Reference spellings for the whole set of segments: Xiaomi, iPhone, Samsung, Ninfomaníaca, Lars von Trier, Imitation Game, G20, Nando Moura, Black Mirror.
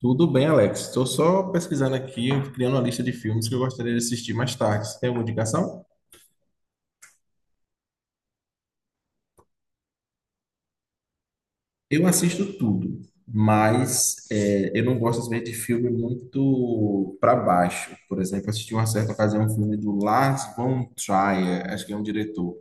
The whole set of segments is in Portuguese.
Tudo bem, Alex. Estou só pesquisando aqui, criando uma lista de filmes que eu gostaria de assistir mais tarde. Você tem alguma indicação? Eu assisto tudo, mas eu não gosto às vezes de filme muito para baixo. Por exemplo, assisti uma certa ocasião um filme do Lars von Trier, acho que é um diretor,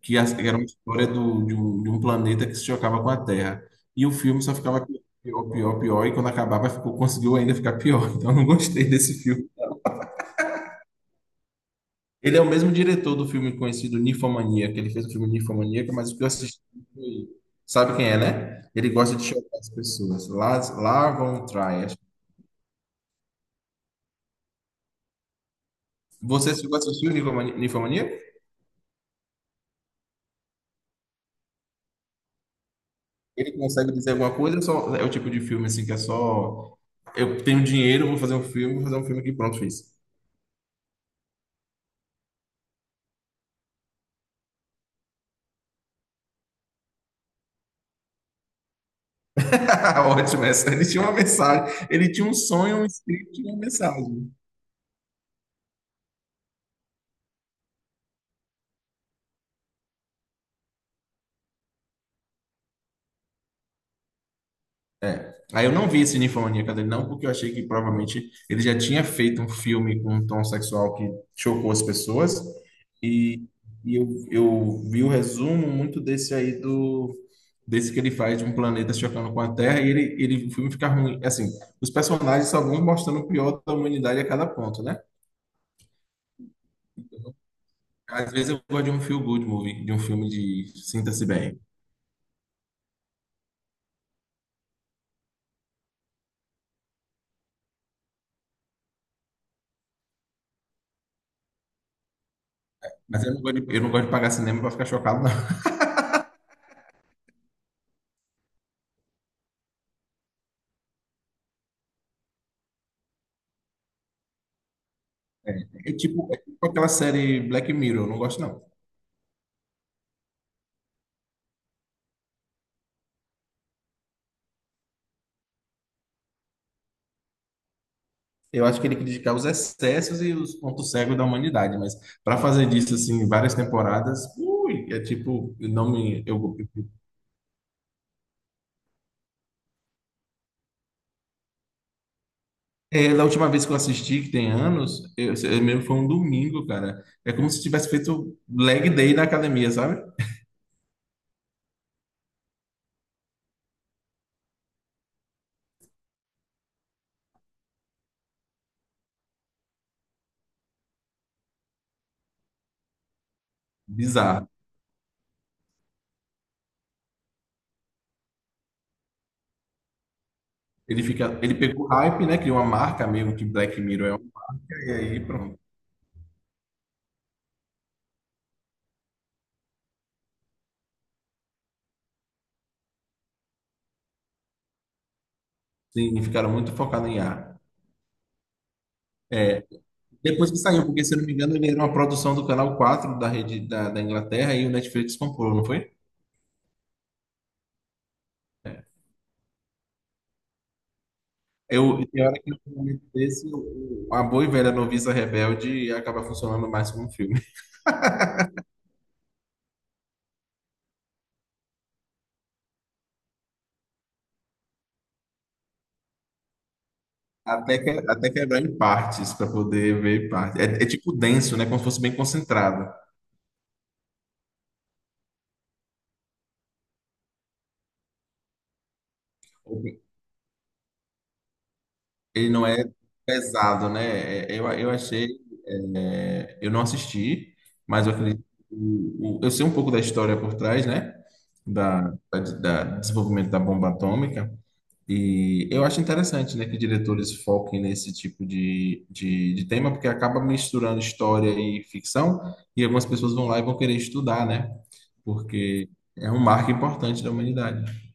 que era uma história de um planeta que se chocava com a Terra. E o filme só ficava pior, pior, pior, e quando acabava ficou, conseguiu ainda ficar pior. Então eu não gostei desse filme. Ele é o mesmo diretor do filme conhecido Ninfomania, que ele fez o filme Ninfomaníaca, mas o que eu assisti foi... Sabe quem é, né? Ele gosta de chocar as pessoas. Lars von Trier. Você chegou a assistir o Ninfomaníaca? Ele consegue dizer alguma coisa, só é o tipo de filme assim que é só eu tenho dinheiro, vou fazer um filme, vou fazer um filme que pronto, fiz. Ótimo essa. Ele tinha uma mensagem, ele tinha um sonho, um script e uma mensagem. Aí eu não vi esse Ninfomaníaca dele, não, porque eu achei que provavelmente ele já tinha feito um filme com um tom sexual que chocou as pessoas. E, e eu vi o resumo muito desse aí do. Desse que ele faz de um planeta chocando com a Terra, e ele, o filme fica ruim. Assim, os personagens só vão mostrando o pior da humanidade a cada ponto, né? Às vezes eu gosto de um feel good movie, de um filme de sinta-se bem. Mas eu não gosto de, eu não gosto de pagar cinema pra ficar chocado, não. É tipo aquela série Black Mirror, eu não gosto, não. Eu acho que ele criticava os excessos e os pontos cegos da humanidade, mas para fazer disso assim várias temporadas, ui, é tipo, não me eu da última vez que eu assisti, que tem anos, eu mesmo foi um domingo, cara. É como se tivesse feito leg day na academia, sabe? Bizarro. Ele fica, ele pegou hype, né? Criou uma marca mesmo que Black Mirror é única, e aí pronto. Sim, ficaram muito focados em ar. Depois que saiu, porque se eu não me engano, ele era uma produção do Canal 4 da rede da Inglaterra e o Netflix comprou, não foi? Eu, tem hora que no momento desse, a boa e velha noviça rebelde acaba funcionando mais como um filme. Até, que, é, até quebrar em partes, para poder ver em partes. É, é tipo denso, né? Como se fosse bem concentrado. Ele não é pesado, né? É, é, eu achei. Eu não assisti, mas eu acredito. Que eu sei um pouco da história por trás, né? Da desenvolvimento da bomba atômica. E eu acho interessante, né, que diretores foquem nesse tipo de tema, porque acaba misturando história e ficção, e algumas pessoas vão lá e vão querer estudar, né? Porque é um marco importante da humanidade.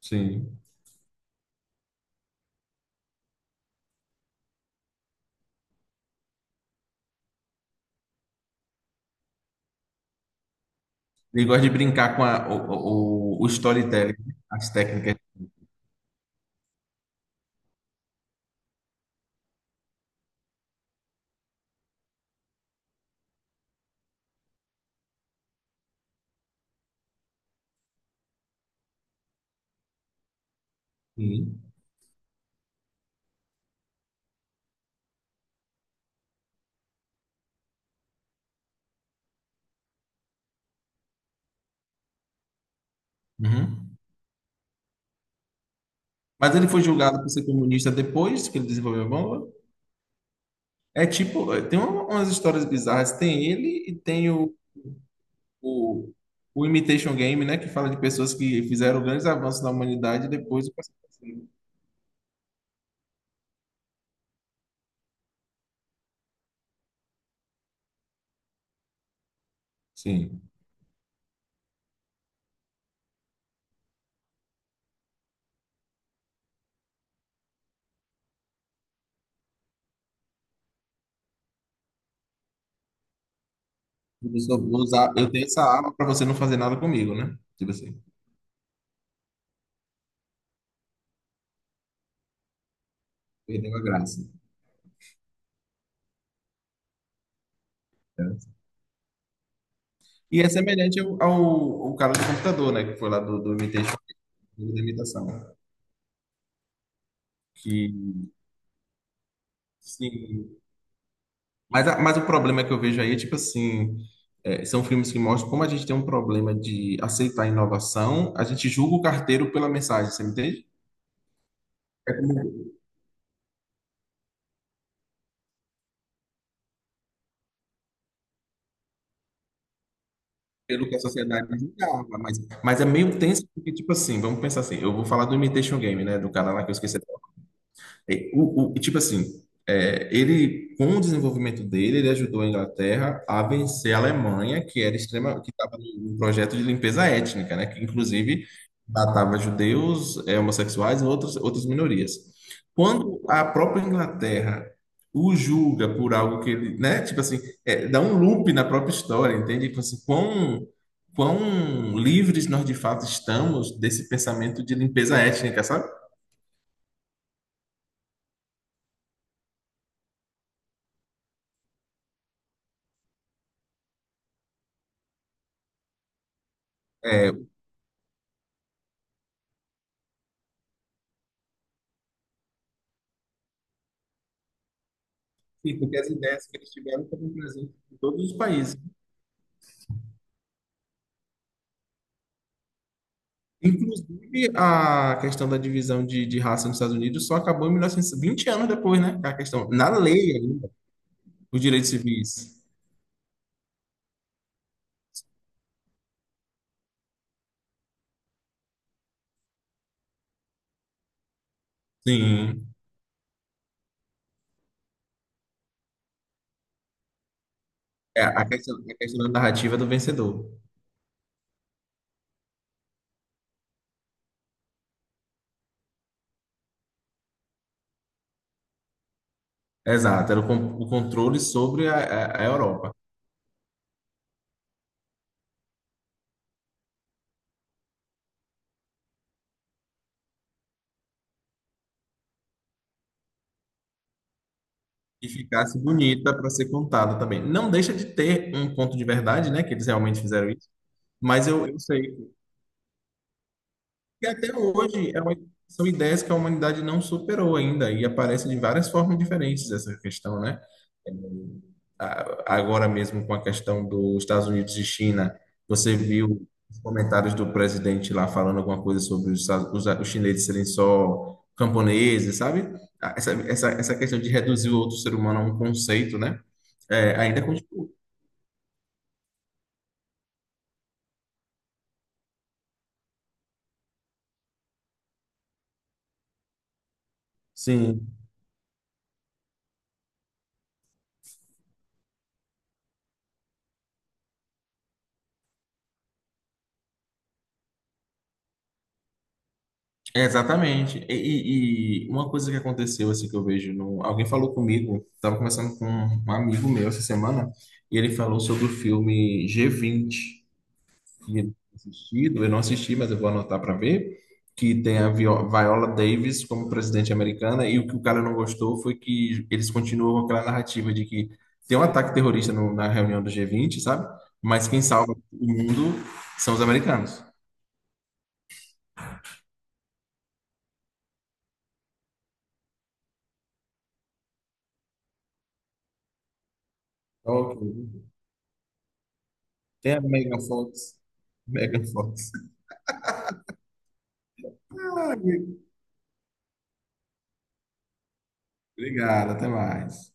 Sim. Ele gosta de brincar com o storytelling, as técnicas. Sim. Uhum. Mas ele foi julgado por ser comunista depois que ele desenvolveu a bomba. É tipo, tem umas histórias bizarras. Tem ele e tem o, o Imitation Game, né? Que fala de pessoas que fizeram grandes avanços na humanidade e depois o processo. Sim. Eu só vou usar, eu tenho essa arma para você não fazer nada comigo, né? Tipo assim, perdeu a graça. Né? E é semelhante ao cara do computador, né? Que foi lá do Imitation, da imitação. Que, sim. Mas o problema que eu vejo aí é tipo assim. São filmes que mostram como a gente tem um problema de aceitar inovação, a gente julga o carteiro pela mensagem, você me entende? É como pelo que a sociedade julgava, mas é meio tenso, porque, tipo assim, vamos pensar assim, eu vou falar do Imitation Game, né, do cara lá que eu esqueci e, o, tipo assim, ele, com o desenvolvimento dele, ele ajudou a Inglaterra a vencer a Alemanha, que era extrema, que estava num projeto de limpeza étnica, né? Que inclusive matava judeus, homossexuais e outros, outras minorias. Quando a própria Inglaterra o julga por algo que ele, né? Tipo assim, dá um loop na própria história, entende? Tipo assim, quão, livres nós de fato estamos desse pensamento de limpeza étnica, sabe? É, sim, porque as ideias que eles tiveram estavam presentes em todos os países. Inclusive, a questão da divisão de raça nos Estados Unidos só acabou em mil novecentos e 20 anos depois, né? A questão, na lei ainda, os direitos civis. Sim. É, a questão da narrativa do vencedor. Exato, era o, o controle sobre a, a Europa. E ficasse bonita para ser contada também. Não deixa de ter um ponto de verdade, né? Que eles realmente fizeram isso. Mas eu sei, e até hoje é uma- são ideias que a humanidade não superou ainda e aparecem de várias formas diferentes essa questão, né? É, agora mesmo com a questão dos Estados Unidos e China, você viu os comentários do presidente lá falando alguma coisa sobre os chineses serem só camponeses, sabe? Ah, essa questão de reduzir o outro ser humano a um conceito, né? É, ainda continua. Sim. Exatamente. E uma coisa que aconteceu, assim, que eu vejo no... Alguém falou comigo, estava conversando com um amigo meu essa semana, e ele falou sobre o filme G20, que ele tinha assistido, eu não assisti, mas eu vou anotar para ver, que tem a Viola Davis como presidente americana, e o que o cara não gostou foi que eles continuam com aquela narrativa de que tem um ataque terrorista na reunião do G20, sabe? Mas quem salva o mundo são os americanos. Ok. Tem a Megan Fox. Megan Fox. Ai, obrigado, até mais.